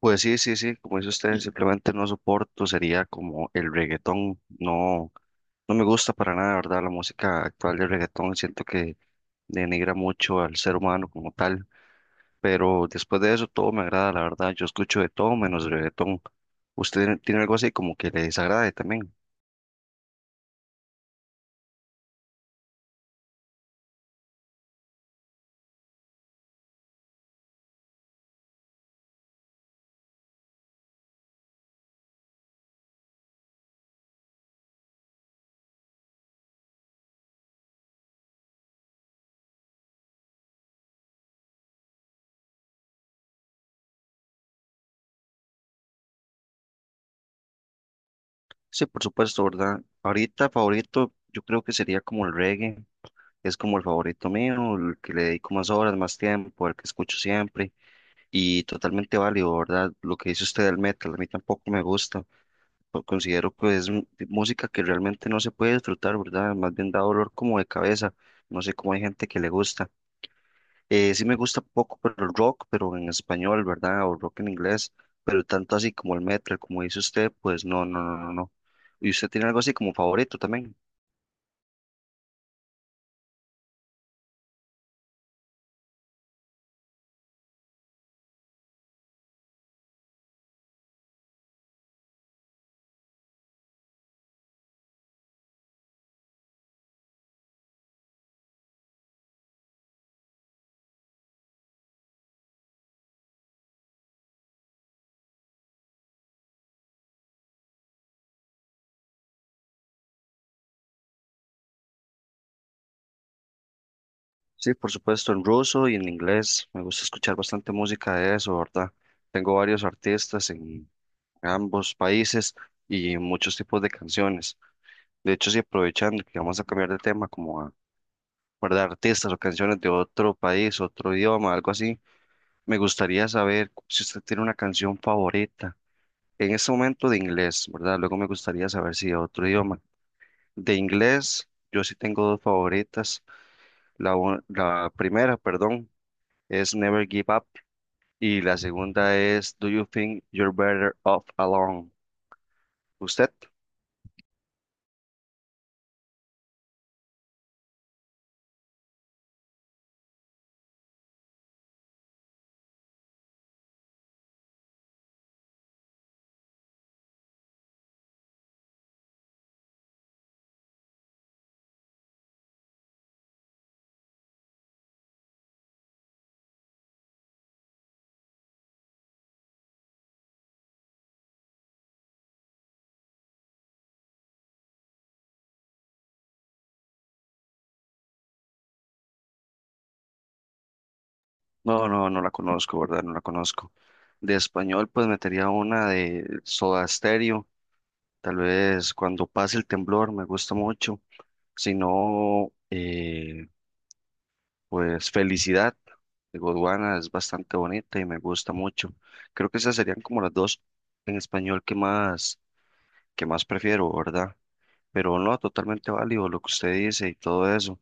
Pues sí, sí, sí, como dice usted, simplemente no soporto, sería como el reggaetón, no, no me gusta para nada, ¿verdad? La música actual del reggaetón, siento que denigra mucho al ser humano como tal, pero después de eso todo me agrada, la verdad, yo escucho de todo menos reggaetón. ¿Usted tiene algo así como que le desagrade también? Sí, por supuesto, ¿verdad? Ahorita favorito, yo creo que sería como el reggae, es como el favorito mío, el que le dedico más horas, más tiempo, el que escucho siempre. Y totalmente válido, ¿verdad? Lo que dice usted del metal, a mí tampoco me gusta. Pero considero que es música que realmente no se puede disfrutar, ¿verdad? Más bien da dolor como de cabeza. No sé cómo hay gente que le gusta. Sí me gusta poco, pero el rock, pero en español, ¿verdad? O rock en inglés, pero tanto así como el metal, como dice usted, pues no, no, no, no, no. ¿Y usted tiene algo así como favorito también? Sí, por supuesto, en ruso y en inglés. Me gusta escuchar bastante música de eso, ¿verdad? Tengo varios artistas en ambos países y muchos tipos de canciones. De hecho, si aprovechando que vamos a cambiar de tema, como a guardar artistas o canciones de otro país, otro idioma, algo así, me gustaría saber si usted tiene una canción favorita. En este momento de inglés, ¿verdad? Luego me gustaría saber si de otro idioma. De inglés, yo sí tengo dos favoritas. La primera, perdón, es Never Give Up y la segunda es Do You Think You're Better Off Alone? ¿Usted? No, no, no la conozco, ¿verdad? No la conozco. De español, pues metería una de Soda Stereo. Tal vez cuando pase el temblor, me gusta mucho. Si no, pues Felicidad de Godwana es bastante bonita y me gusta mucho. Creo que esas serían como las dos en español que más prefiero, ¿verdad? Pero no, totalmente válido lo que usted dice y todo eso.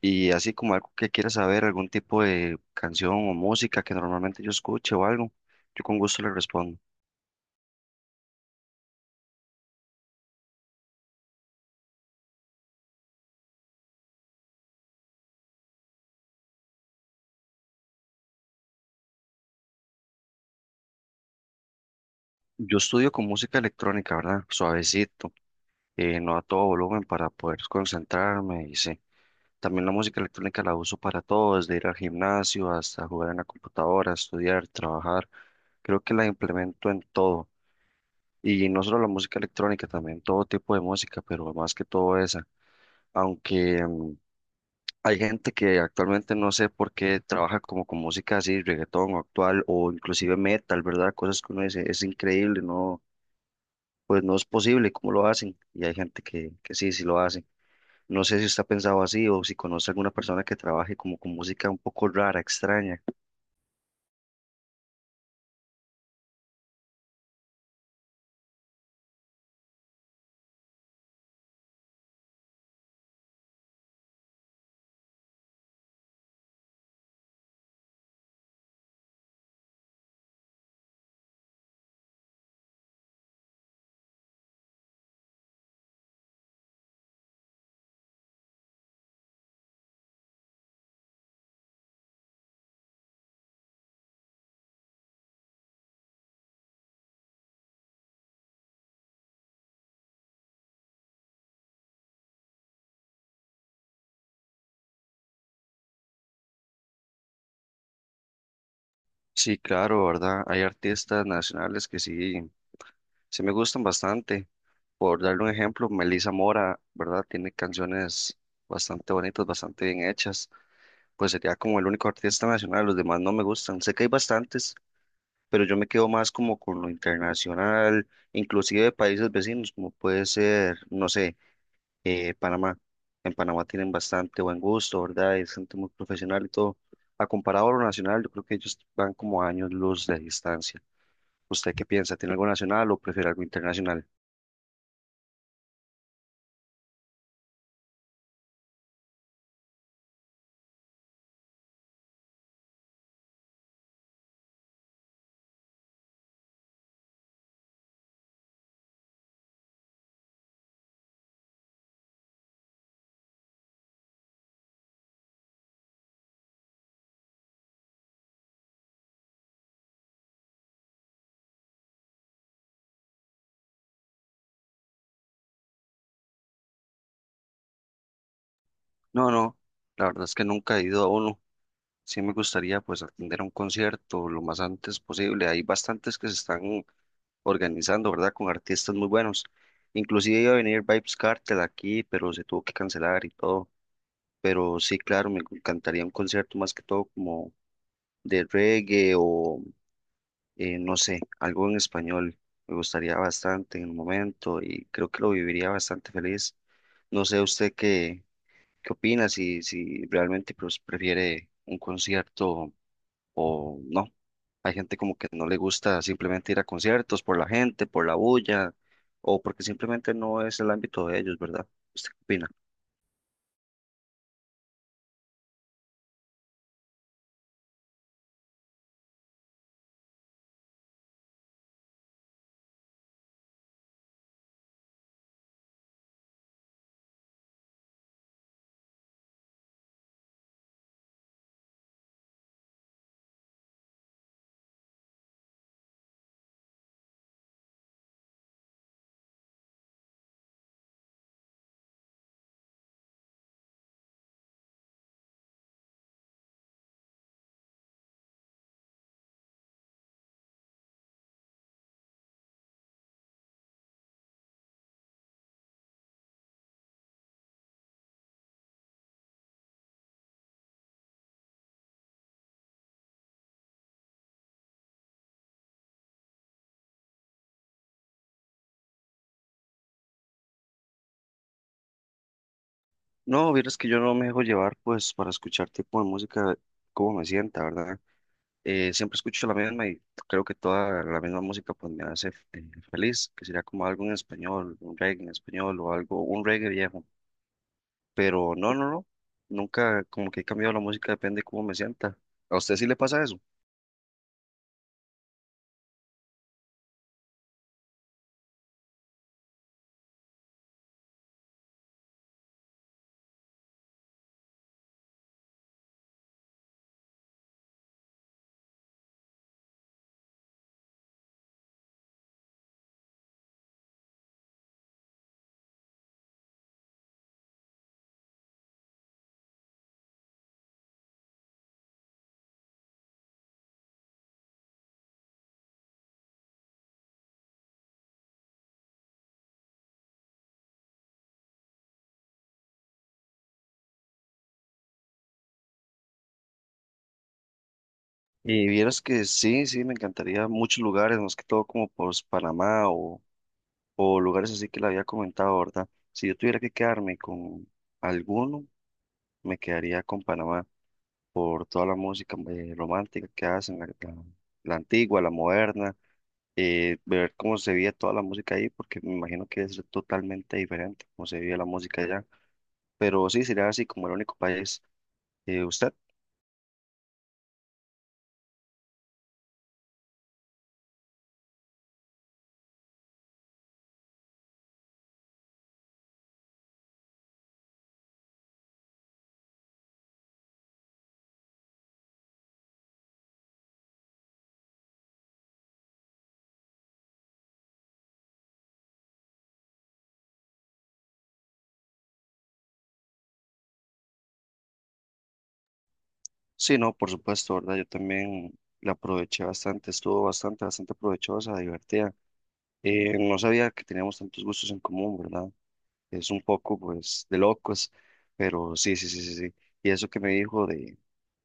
Y así como algo que quiera saber, algún tipo de canción o música que normalmente yo escuche o algo, yo con gusto le respondo. Yo estudio con música electrónica, ¿verdad? Suavecito, no a todo volumen para poder concentrarme y sí. También la música electrónica la uso para todo, desde ir al gimnasio hasta jugar en la computadora, estudiar, trabajar. Creo que la implemento en todo. Y no solo la música electrónica, también todo tipo de música, pero más que todo esa. Aunque hay gente que actualmente no sé por qué trabaja como con música así, reggaetón o actual o inclusive metal, ¿verdad? Cosas que uno dice, es increíble, no, pues no es posible cómo lo hacen. Y hay gente que sí, sí lo hace. No sé si usted ha pensado así o si conoce alguna persona que trabaje como con música un poco rara, extraña. Sí, claro, ¿verdad? Hay artistas nacionales que sí, sí me gustan bastante. Por darle un ejemplo, Melissa Mora, ¿verdad? Tiene canciones bastante bonitas, bastante bien hechas. Pues sería como el único artista nacional, los demás no me gustan. Sé que hay bastantes, pero yo me quedo más como con lo internacional, inclusive de países vecinos, como puede ser, no sé, Panamá. En Panamá tienen bastante buen gusto, ¿verdad? Es gente muy profesional y todo. A comparado a lo nacional, yo creo que ellos van como a años luz de distancia. ¿Usted qué piensa? ¿Tiene algo nacional o prefiere algo internacional? No, no, la verdad es que nunca he ido a uno. Sí, me gustaría pues atender a un concierto lo más antes posible. Hay bastantes que se están organizando, ¿verdad? Con artistas muy buenos. Inclusive iba a venir Vibes Cartel aquí, pero se tuvo que cancelar y todo. Pero sí, claro, me encantaría un concierto más que todo como de reggae o no sé, algo en español. Me gustaría bastante en el momento y creo que lo viviría bastante feliz. No sé usted qué, qué opina, si, si realmente pues, prefiere un concierto o no. Hay gente como que no le gusta simplemente ir a conciertos por la gente, por la bulla, o porque simplemente no es el ámbito de ellos, ¿verdad? ¿Usted qué opina? No, vieras que yo no me dejo llevar pues para escuchar tipo de música como me sienta, ¿verdad? Siempre escucho la misma y creo que toda la misma música pues me hace eh, feliz, que sería como algo en español, un reggae en español o algo, un reggae viejo. Pero no, no, no, nunca como que he cambiado la música, depende de cómo me sienta. ¿A usted sí le pasa eso? Y vieras que sí, sí, me encantaría muchos lugares, más que todo como por Panamá o lugares así que le había comentado, ¿verdad? Si yo tuviera que quedarme con alguno, me quedaría con Panamá por toda la música romántica que hacen, la antigua, la moderna, ver cómo se veía toda la música ahí, porque me imagino que es totalmente diferente cómo se veía la música allá. Pero sí, sería así como el único país. ¿Usted? Sí, no, por supuesto, ¿verdad? Yo también la aproveché bastante, estuvo bastante, bastante provechosa, divertida. No sabía que teníamos tantos gustos en común, ¿verdad? Es un poco, pues, de locos, pero sí, sí, sí, sí, sí. Y eso que me dijo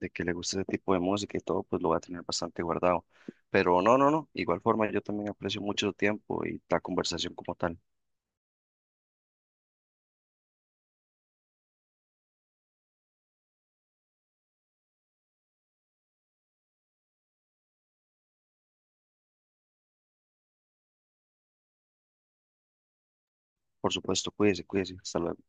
de que le gusta ese tipo de música y todo, pues lo voy a tener bastante guardado. Pero no, no, no, igual forma yo también aprecio mucho su tiempo y la conversación como tal. Por supuesto, cuídese, cuídese, hasta luego.